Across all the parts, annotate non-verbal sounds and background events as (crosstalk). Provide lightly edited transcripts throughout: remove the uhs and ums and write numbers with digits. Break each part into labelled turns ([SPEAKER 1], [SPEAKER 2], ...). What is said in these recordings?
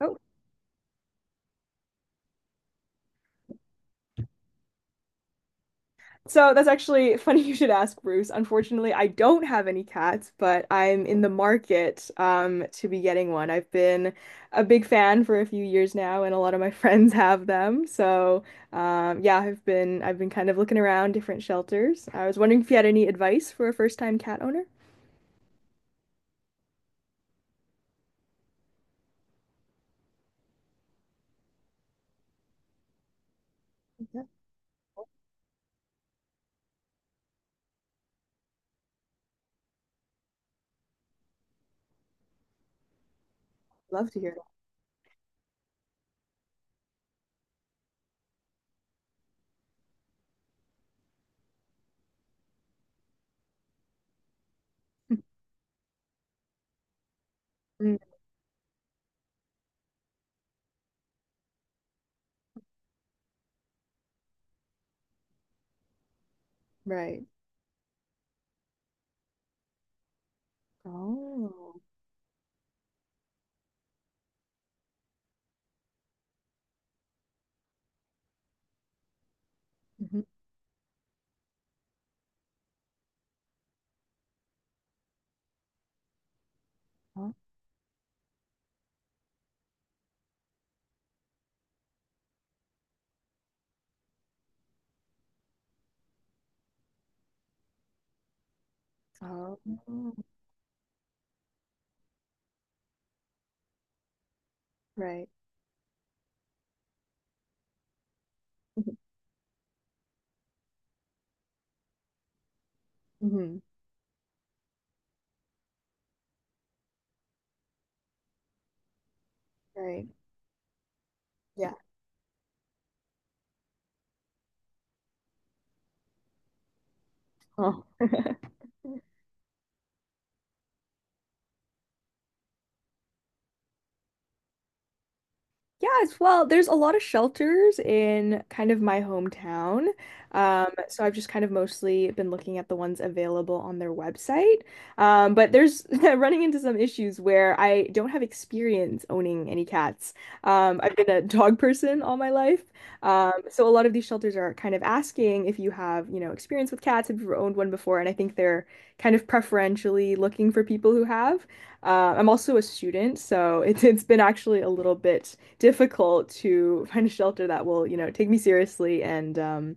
[SPEAKER 1] Oh, so that's actually (laughs) funny you should ask, Bruce. Unfortunately, I don't have any cats, but I'm in the market to be getting one. I've been a big fan for a few years now, and a lot of my (laughs) friends have them. Yeah, I've been kind of looking around different shelters. I was wondering if you had any advice for a first-time cat owner. Yeah, love to hear it. (laughs) Mm, right. Oh. Mhm. Oh. Oh. Right. Mhm. Mhm. Right. Yeah. Oh. (laughs) Yes, well, there's a lot of shelters in kind of my hometown. So I've just kind of mostly been looking at the ones available on their website. But there's (laughs) running into some issues where I don't have experience owning any cats. I've been a dog person all my life. So a lot of these shelters are kind of asking if you have, you know, experience with cats, have you ever owned one before? And I think they're kind of preferentially looking for people who have. I'm also a student, so it's been actually a little bit difficult to find a shelter that will, you know, take me seriously and um,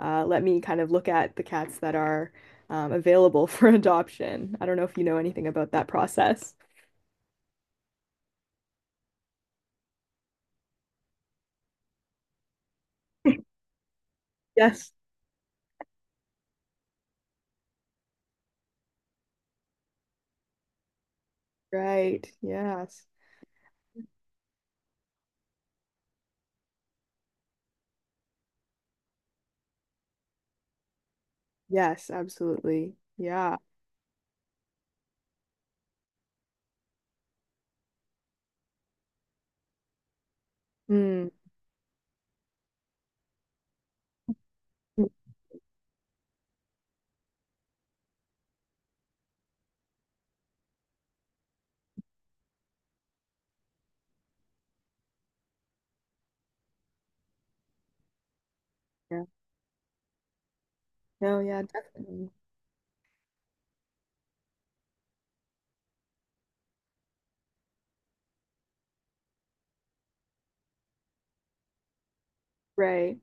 [SPEAKER 1] uh, let me kind of look at the cats that are available (laughs) for adoption. I don't know if you know anything about that process. Yes. Right. Yes. Yes, absolutely. Yeah. Mm. Yeah. No, yeah, definitely. Right.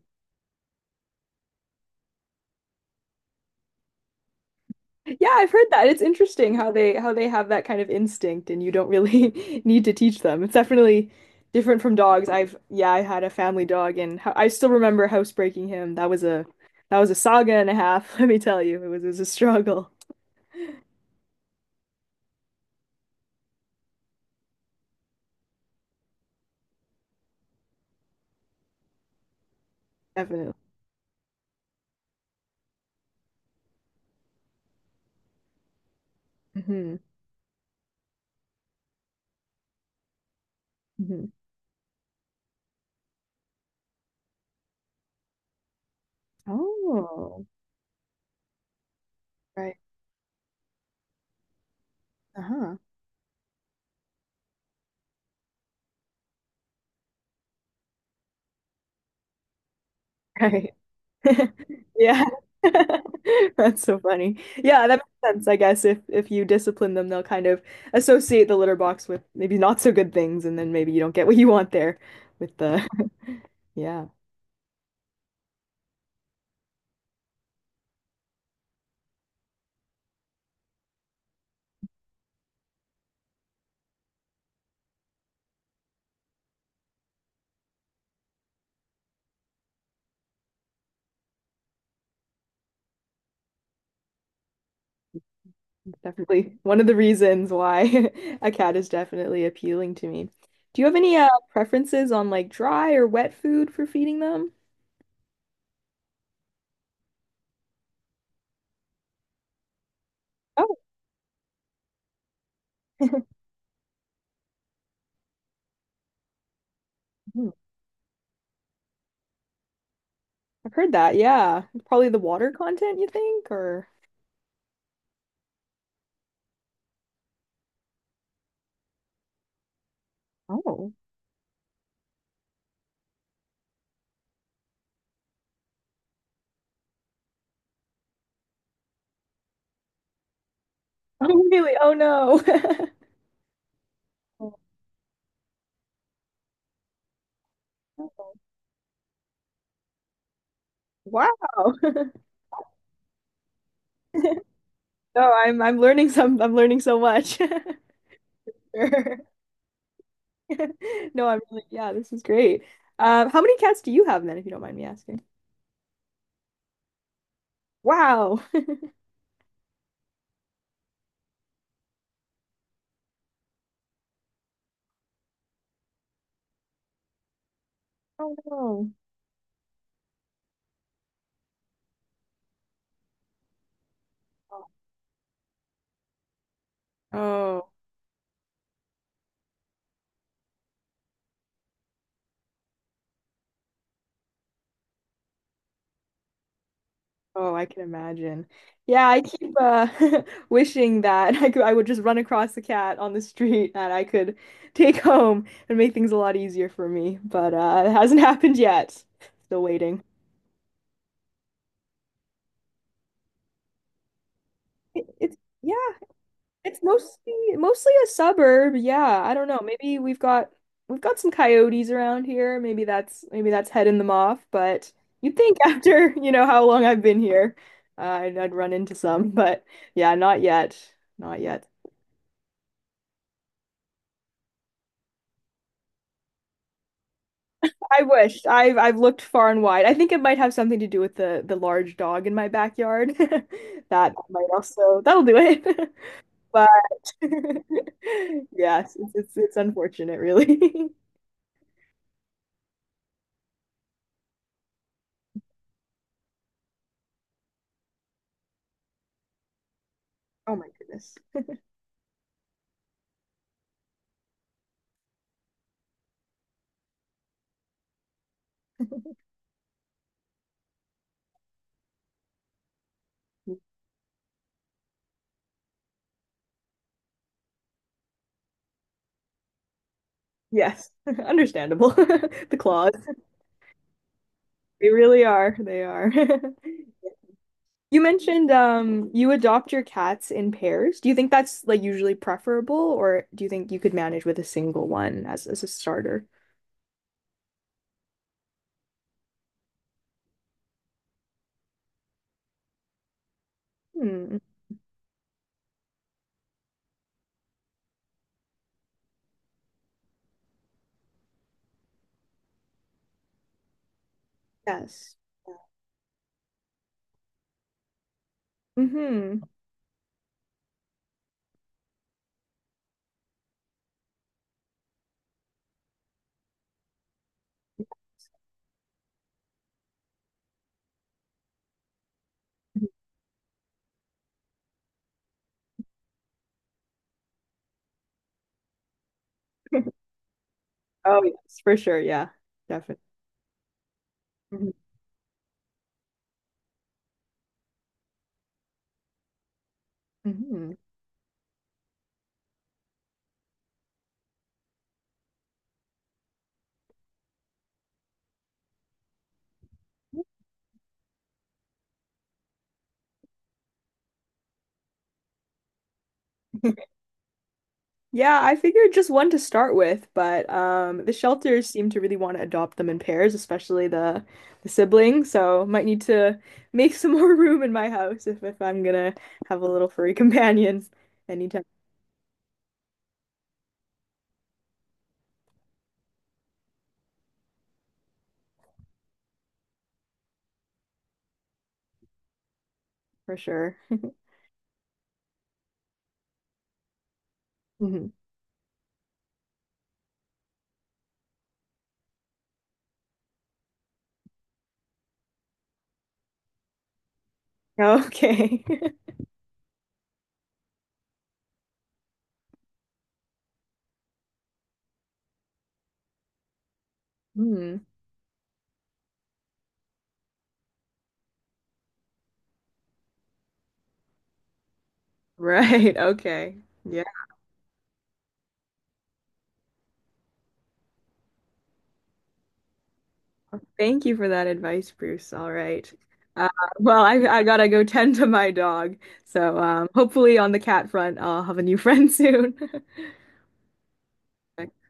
[SPEAKER 1] Yeah, I've heard that. It's interesting how they have that kind of instinct and you don't really (laughs) need to teach them. It's definitely different from dogs. I've yeah, I had a family dog and ho I still remember housebreaking him. That was a saga and a half, (laughs) let me tell you. It was a struggle. (laughs) Definitely. Hmm. Hmm. Oh, right. Uh-huh. (laughs) Right. (laughs) Yeah. (laughs) That's so funny. Yeah, that makes sense, I guess. If you discipline them, they'll kind of associate the litter box with maybe not so good things, and then maybe you don't get what you want there with the. (laughs) Yeah, definitely one of the reasons why (laughs) a cat is definitely appealing to me. Do you have any preferences on like dry or wet food for feeding them? Oh, hmm. I've heard that. Yeah. Probably the water content, you think, or. Oh. (laughs) Oh, really? Oh no. (laughs) Oh, wow. (laughs) No, I'm learning so much. (laughs) Sure. (laughs) No, I'm really yeah, this is great. How many cats do you have then, if you don't mind me asking? Wow. (laughs) Oh no. Oh, oh, I can imagine. Yeah, I keep (laughs) wishing that I would just run across a cat on the street that I could take home and make things a lot easier for me. But it hasn't (laughs) happened yet. Still waiting. It- It's yeah. It's mostly a suburb. Yeah, I don't know. Maybe we've got some coyotes around here. Maybe that's heading them off, but you'd think (laughs) after, you know, how long I've been here, I'd run into some, (laughs) but yeah, not yet. Not yet. I wish. I've looked far and wide. I think it might have something to do with the large dog in my backyard. (laughs) That might also that'll do it. (laughs) But (laughs) yes, it's unfortunate, really. (laughs) Oh my goodness. Yes, (laughs) understandable. (laughs) The claws. They really are. They are. (laughs) You mentioned you adopt your cats in pairs. Do you think that's like usually preferable or do you think you could manage with a single one as a starter? Hmm. Yes. Mm-hmm. (laughs) Oh yes, for sure. Yeah. Definitely. Hmm. Hmm. Yeah, I figured just one to start with, but the shelters seem to really want to adopt them in pairs, especially the siblings. So might need to make some (laughs) more room in my house if I'm gonna have a little furry (laughs) companion anytime for sure. Mhm. Okay. (laughs) Hmm. Right. Okay. Yeah. Thank you for that advice, Bruce. All right. Uh, well, I gotta go tend to my dog. So hopefully on the cat front, I'll have a new friend soon. (laughs)